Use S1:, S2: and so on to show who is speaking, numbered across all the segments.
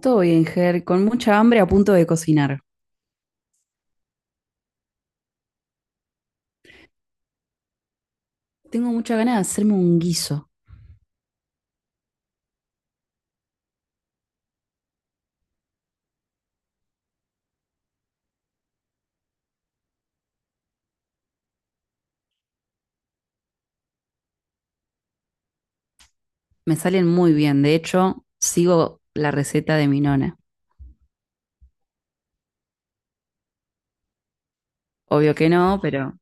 S1: Todo bien, Ger, con mucha hambre a punto de cocinar. Tengo mucha ganas de hacerme un guiso. Me salen muy bien, de hecho, sigo la receta de mi nona. Obvio que no, pero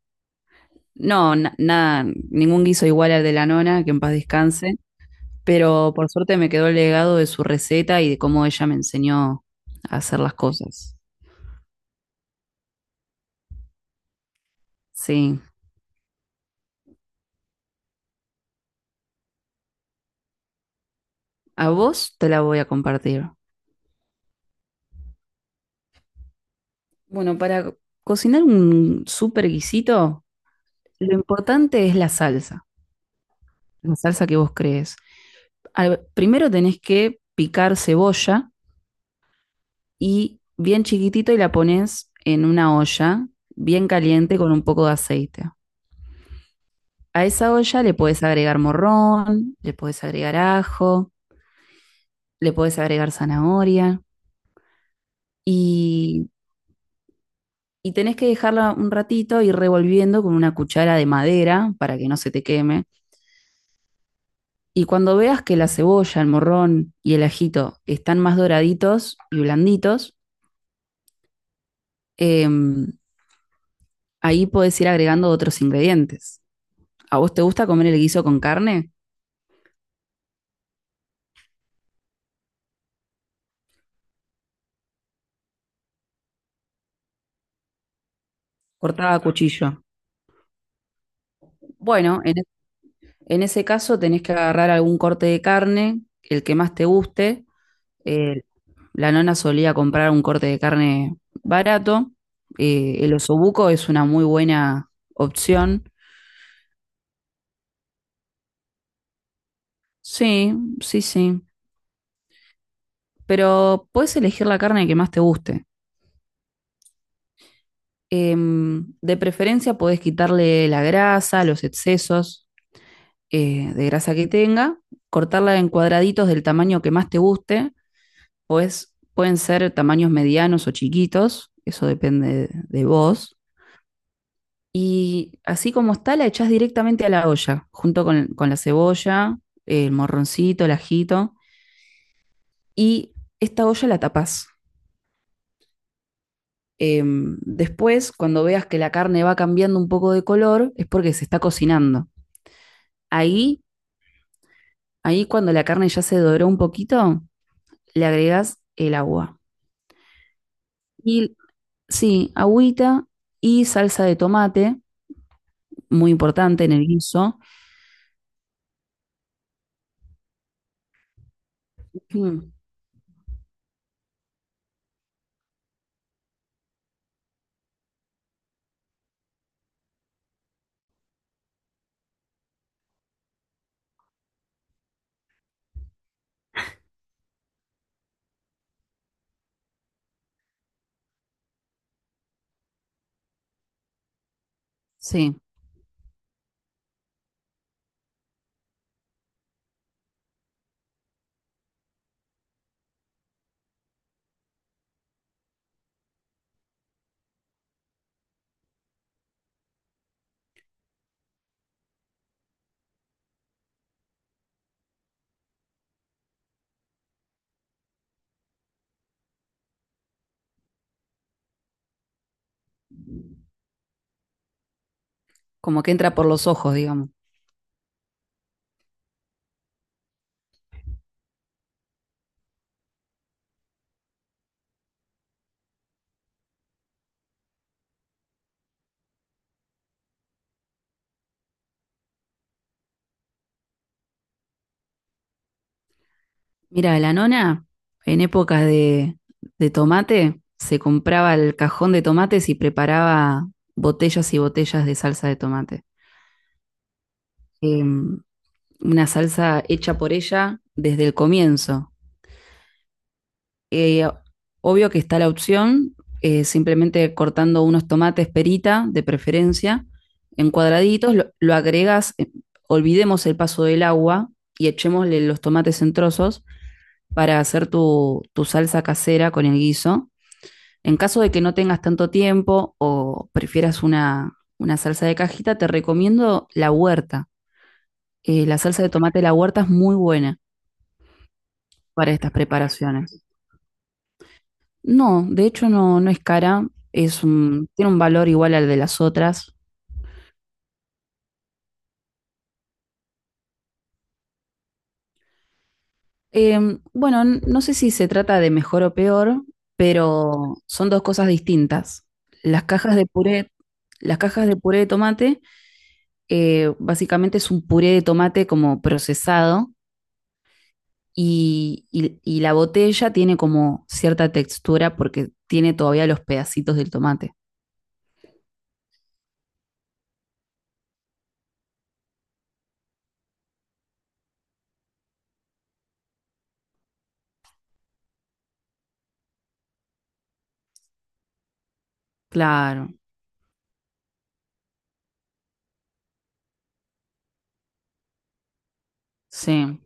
S1: no, nada, ningún guiso igual al de la nona, que en paz descanse. Pero por suerte me quedó el legado de su receta y de cómo ella me enseñó a hacer las cosas. Sí, a vos te la voy a compartir. Bueno, para cocinar un super guisito, lo importante es la salsa. La salsa que vos crees. Primero tenés que picar cebolla y bien chiquitito y la pones en una olla bien caliente con un poco de aceite. A esa olla le podés agregar morrón, le podés agregar ajo, le podés agregar zanahoria y, y tenés que dejarla un ratito y revolviendo con una cuchara de madera para que no se te queme. Y cuando veas que la cebolla, el morrón y el ajito están más doraditos y blanditos, em, ahí podés ir agregando otros ingredientes. ¿A vos te gusta comer el guiso con carne? Cortada a cuchillo. Bueno, en ese caso tenés que agarrar algún corte de carne, el que más te guste. Eh, la nona solía comprar un corte de carne barato. El osobuco es una muy buena opción. Sí, sí, sí. Pero puedes elegir la carne que más te guste. De preferencia podés quitarle la grasa, los excesos, de grasa que tenga, cortarla en cuadraditos del tamaño que más te guste, pues pueden ser tamaños medianos o chiquitos, eso depende de vos. Y así como está, la echás directamente a la olla, junto con la cebolla, el morroncito, el ajito, y esta olla la tapás. Después, cuando veas que la carne va cambiando un poco de color, es porque se está cocinando. Ahí, Ahí cuando la carne ya se doró un poquito, le agregas el agua. Y Sí, agüita y salsa de tomate, muy importante en el guiso. Mm. Sí, como que entra por los ojos, digamos. Mira, la nona, en épocas de tomate, se compraba el cajón de tomates y preparaba botellas y botellas de salsa de tomate. Em, una salsa hecha por ella desde el comienzo. eh, Obvio que está la opción, simplemente cortando unos tomates perita, de preferencia, en cuadraditos, lo agregas, olvidemos el paso del agua y echémosle los tomates en trozos para hacer tu salsa casera con el guiso. En caso de que no tengas tanto tiempo o prefieras una salsa de cajita, te recomiendo la huerta. La salsa de tomate de la huerta es muy buena para estas preparaciones. No, de hecho no, no es cara, tiene un valor igual al de las otras. Bueno, no sé si se trata de mejor o peor, pero son dos cosas distintas. Las cajas de puré, las cajas de puré de tomate, básicamente es un puré de tomate como procesado y la botella tiene como cierta textura porque tiene todavía los pedacitos del tomate. Claro, sí.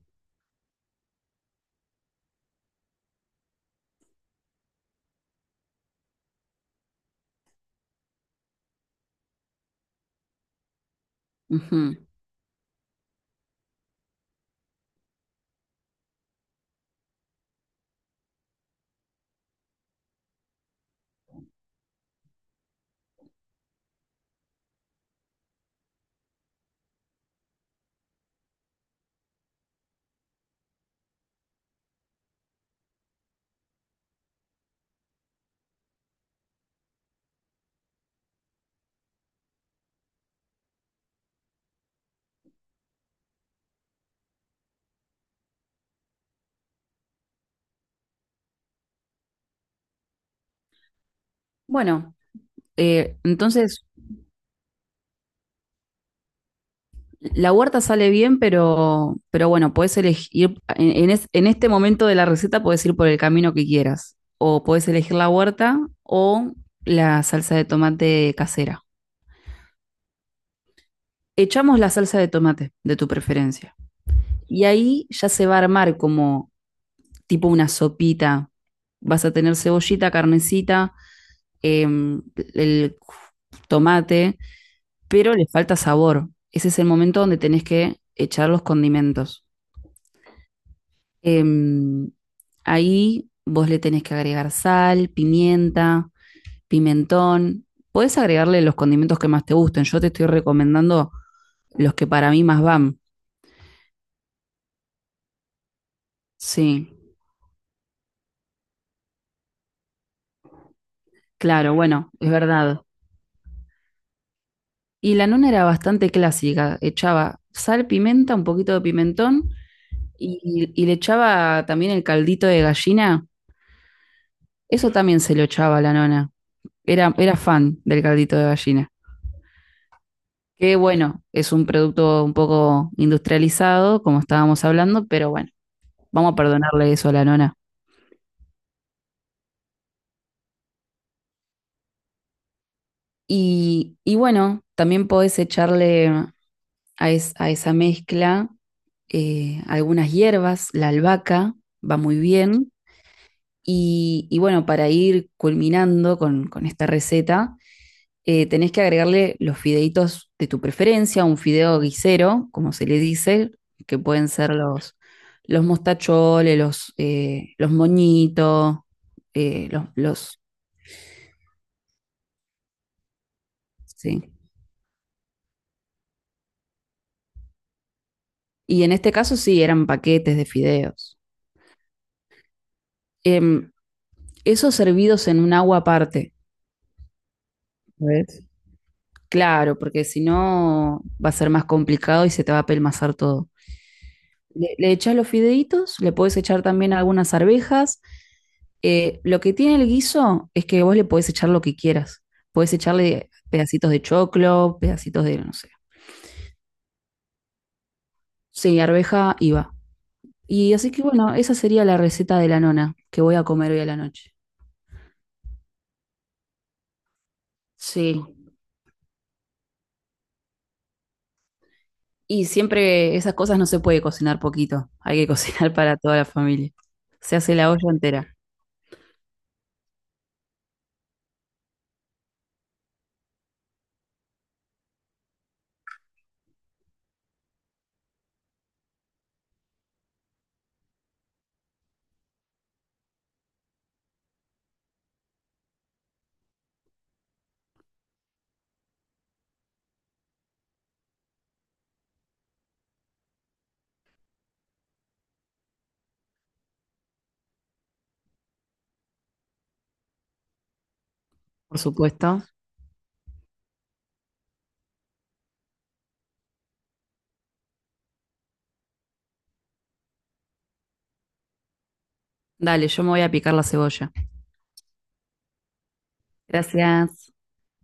S1: Ujú. Bueno, entonces... La huerta sale bien, pero bueno, puedes elegir, en este momento de la receta puedes ir por el camino que quieras. O puedes elegir la huerta o la salsa de tomate casera. Echamos la salsa de tomate de tu preferencia. Y ahí ya se va a armar como tipo una sopita. Vas a tener cebollita, carnecita, em, el tomate, pero le falta sabor. Ese es el momento donde tenés que echar los condimentos. Em, Ahí vos le tenés que agregar sal, pimienta, pimentón. Podés agregarle los condimentos que más te gusten. Yo te estoy recomendando los que para mí más van. Sí, claro, bueno, es verdad. Y la nona era bastante clásica. Echaba sal, pimienta, un poquito de pimentón y le echaba también el caldito de gallina. Eso también se lo echaba a la nona. Era, era fan del caldito de gallina. Que bueno, es un producto un poco industrializado, como estábamos hablando, pero bueno, vamos a perdonarle eso a la nona. Y bueno, también podés echarle a esa mezcla, algunas hierbas, la albahaca va muy bien. Y bueno, para ir culminando con esta receta, tenés que agregarle los fideitos de tu preferencia, un fideo guisero, como se le dice, que pueden ser los mostacholes, los moñitos, eh, los, los- sí. Y en este caso sí, eran paquetes de fideos. Em, Esos servidos en un agua aparte. ¿Ves? Claro, porque si no va a ser más complicado y se te va a pelmazar todo. Le echás los fideitos, le podés echar también algunas arvejas. Lo que tiene el guiso es que vos le podés echar lo que quieras. Podés echarle pedacitos de choclo, pedacitos de, no sé. Sí, arveja y va. Y así que bueno, esa sería la receta de la nona que voy a comer hoy a la noche. Sí. Y siempre esas cosas no se puede cocinar poquito. Hay que cocinar para toda la familia. Se hace la olla entera, por supuesto. Dale, yo me voy a picar la cebolla. Gracias.